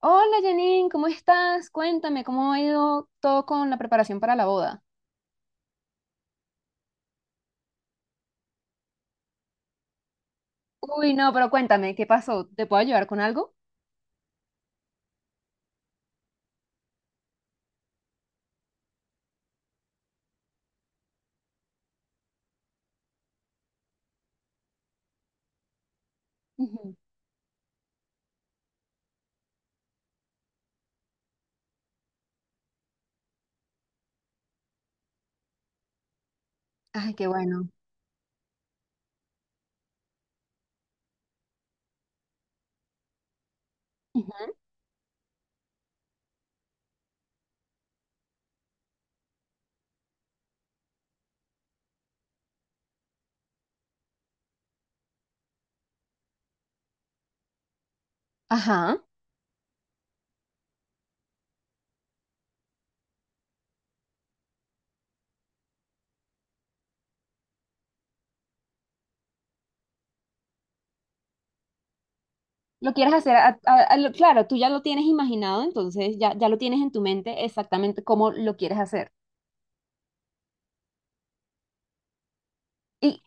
Hola Janine, ¿cómo estás? Cuéntame, ¿cómo ha ido todo con la preparación para la boda? Uy, no, pero cuéntame, ¿qué pasó? ¿Te puedo ayudar con algo? Ujú. Ay, qué bueno. Ujú. Ajá. ¿Lo quieres hacer? Claro, tú ya lo tienes imaginado, entonces ya lo tienes en tu mente exactamente cómo lo quieres hacer. Y,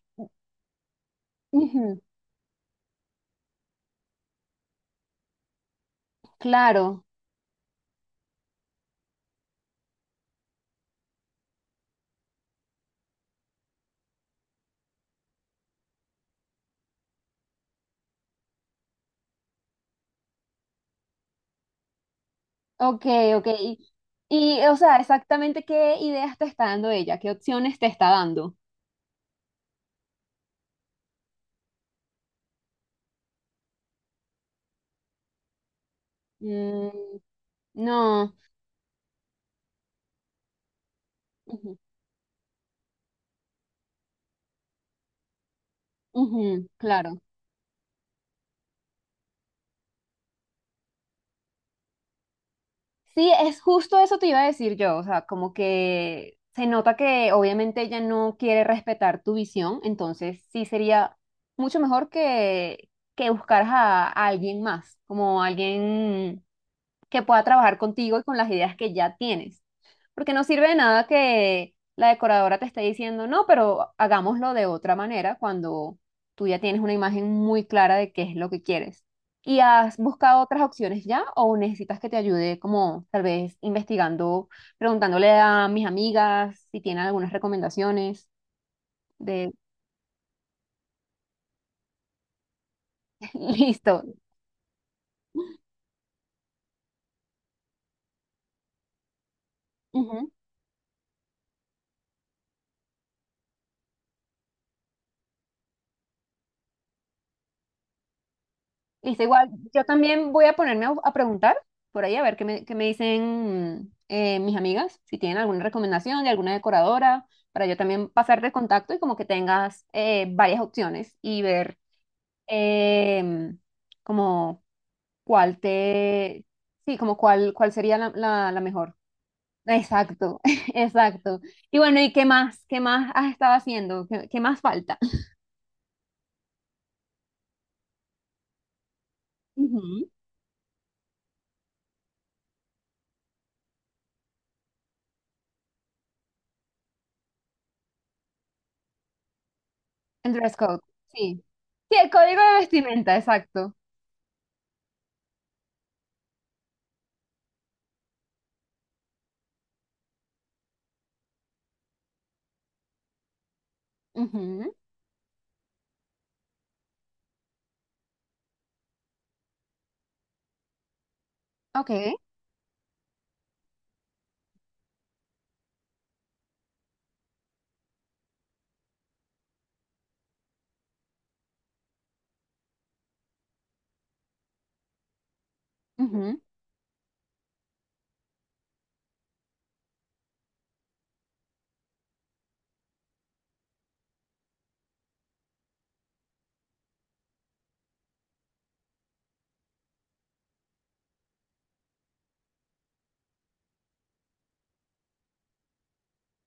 ujú, claro, ok, ok. O sea, exactamente qué ideas te está dando ella, qué opciones te está dando. Mm, no. Ujú, ujú, claro. Sí, es justo eso te iba a decir yo, o sea, como que se nota que obviamente ella no quiere respetar tu visión, entonces sí sería mucho mejor que buscaras a alguien más, como alguien que pueda trabajar contigo y con las ideas que ya tienes. Porque no sirve de nada que la decoradora te esté diciendo, no, pero hagámoslo de otra manera cuando tú ya tienes una imagen muy clara de qué es lo que quieres. ¿Y has buscado otras opciones ya o necesitas que te ayude como tal vez investigando, preguntándole a mis amigas si tienen algunas recomendaciones de... Listo. Ujú. Listo, igual, yo también voy a ponerme a preguntar por ahí a ver qué me dicen mis amigas, si tienen alguna recomendación de alguna decoradora, para yo también pasar de contacto y como que tengas varias opciones y ver em, como cuál te, sí, como cuál, cuál sería la, la, la mejor. Exacto, exacto. Y bueno, ¿y qué más? ¿Qué más has estado haciendo? ¿Qué, qué más falta? Ujú. El dress code, sí. Sí, el código de vestimenta, exacto. Ujú, ok, ujú.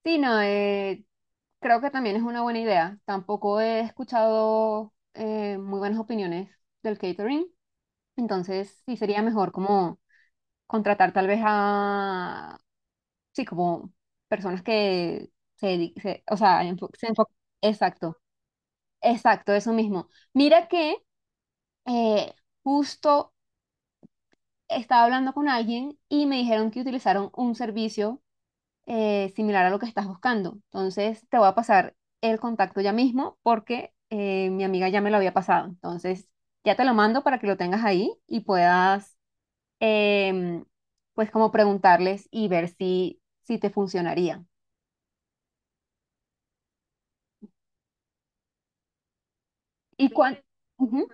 Sí, no, creo que también es una buena idea. Tampoco he escuchado muy buenas opiniones del catering, entonces sí sería mejor como contratar tal vez a, sí, como personas que o sea, se enfo- Exacto, exacto, eso mismo. Mira que eh, justo estaba hablando con alguien y me dijeron que utilizaron un servicio similar a lo que estás buscando. Entonces, te voy a pasar el contacto ya mismo porque mi amiga ya me lo había pasado. Entonces, ya te lo mando para que lo tengas ahí y puedas, em, pues, como preguntarles y ver si, si te funcionaría. ¿Y cuán- Ujú.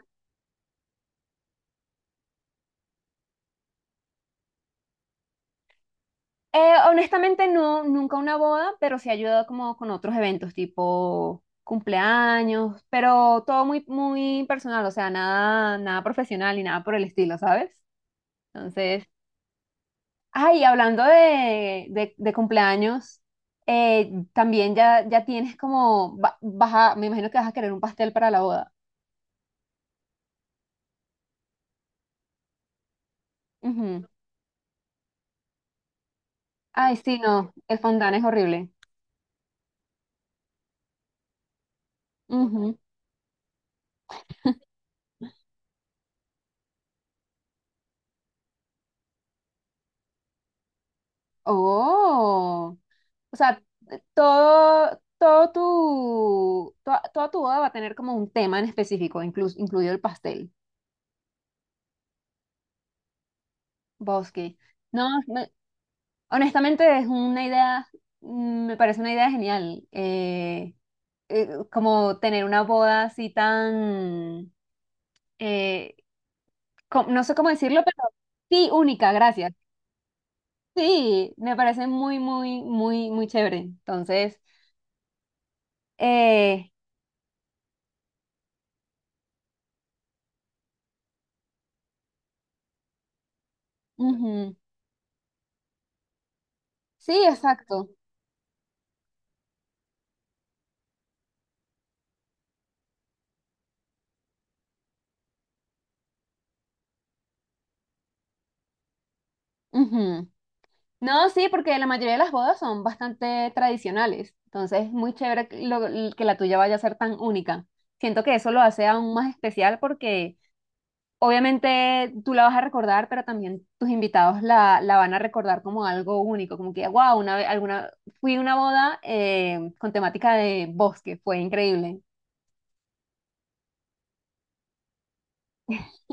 Honestamente, no, nunca una boda, pero sí ha ayudado como con otros eventos, tipo cumpleaños, pero todo muy, muy personal, o sea, nada, nada profesional y nada por el estilo, ¿sabes? Entonces, ay, hablando de cumpleaños, también ya tienes como, me imagino que vas a querer un pastel para la boda. Ujú. Ay, sí, no, el fondant es horrible. Ujú. Oh, o sea, toda tu boda va a tener como un tema en específico, incluido el pastel. Bosque. No, me- Honestamente es una idea, mm, me parece una idea genial. Como tener una boda así tan, eh, no sé cómo decirlo, pero sí, única, gracias. Sí, me parece muy, muy, muy, muy chévere. Entonces, eh, ujú. Sí, exacto. Ujú. No, sí, porque la mayoría de las bodas son bastante tradicionales. Entonces, es muy chévere que que la tuya vaya a ser tan única. Siento que eso lo hace aún más especial porque obviamente tú la vas a recordar, pero también tus invitados la van a recordar como algo único, como que, wow, una vez, alguna, fui a una boda con temática de bosque, fue increíble.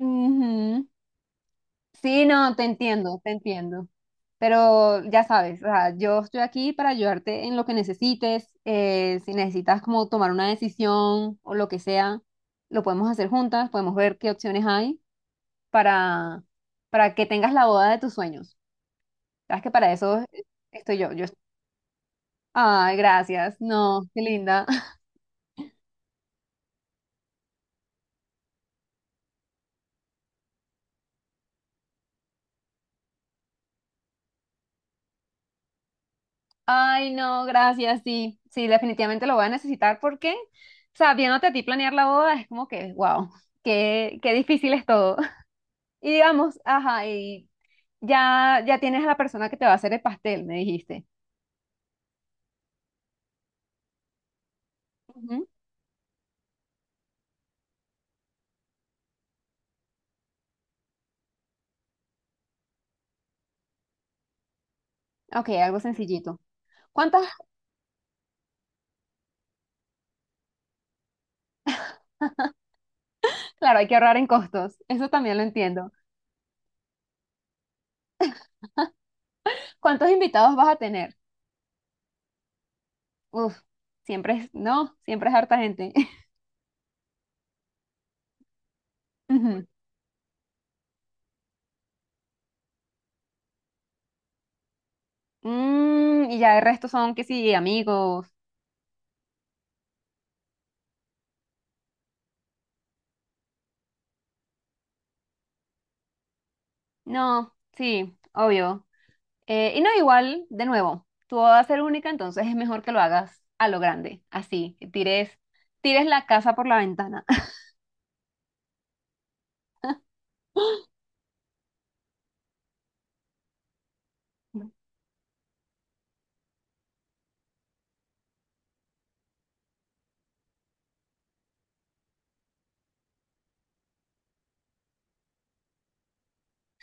Ujú. Sí, no, te entiendo, te entiendo. Pero ya sabes, o sea, yo estoy aquí para ayudarte en lo que necesites. Si necesitas como tomar una decisión o lo que sea, lo podemos hacer juntas, podemos ver qué opciones hay para, para que tengas la boda de tus sueños. Sabes que para eso estoy yo. Ay, gracias. No, qué linda. Ay, no, gracias. Sí, sí, definitivamente lo voy a necesitar porque, o sea, viéndote a ti planear la boda es como que, wow, qué, qué difícil es todo. Y digamos, ajá, y ya tienes a la persona que te va a hacer el pastel, me dijiste. Ujú. Ok, algo sencillito. ¿Cuántas? Claro, hay que ahorrar en costos. Eso también lo entiendo. ¿Cuántos invitados vas a tener? Uf, no, siempre es harta gente. Ujú. Mm, y ya el resto son que sí, amigos. No, sí, obvio. Y no, igual, de nuevo, tú vas a ser única, entonces es mejor que lo hagas a lo grande, así, tires la casa por la ventana.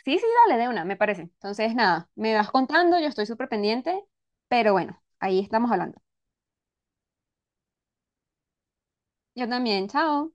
Sí, sí, dale, de una, me parece. Entonces, nada, me vas contando, yo estoy súper pendiente, pero bueno, ahí estamos hablando. Yo también, chao.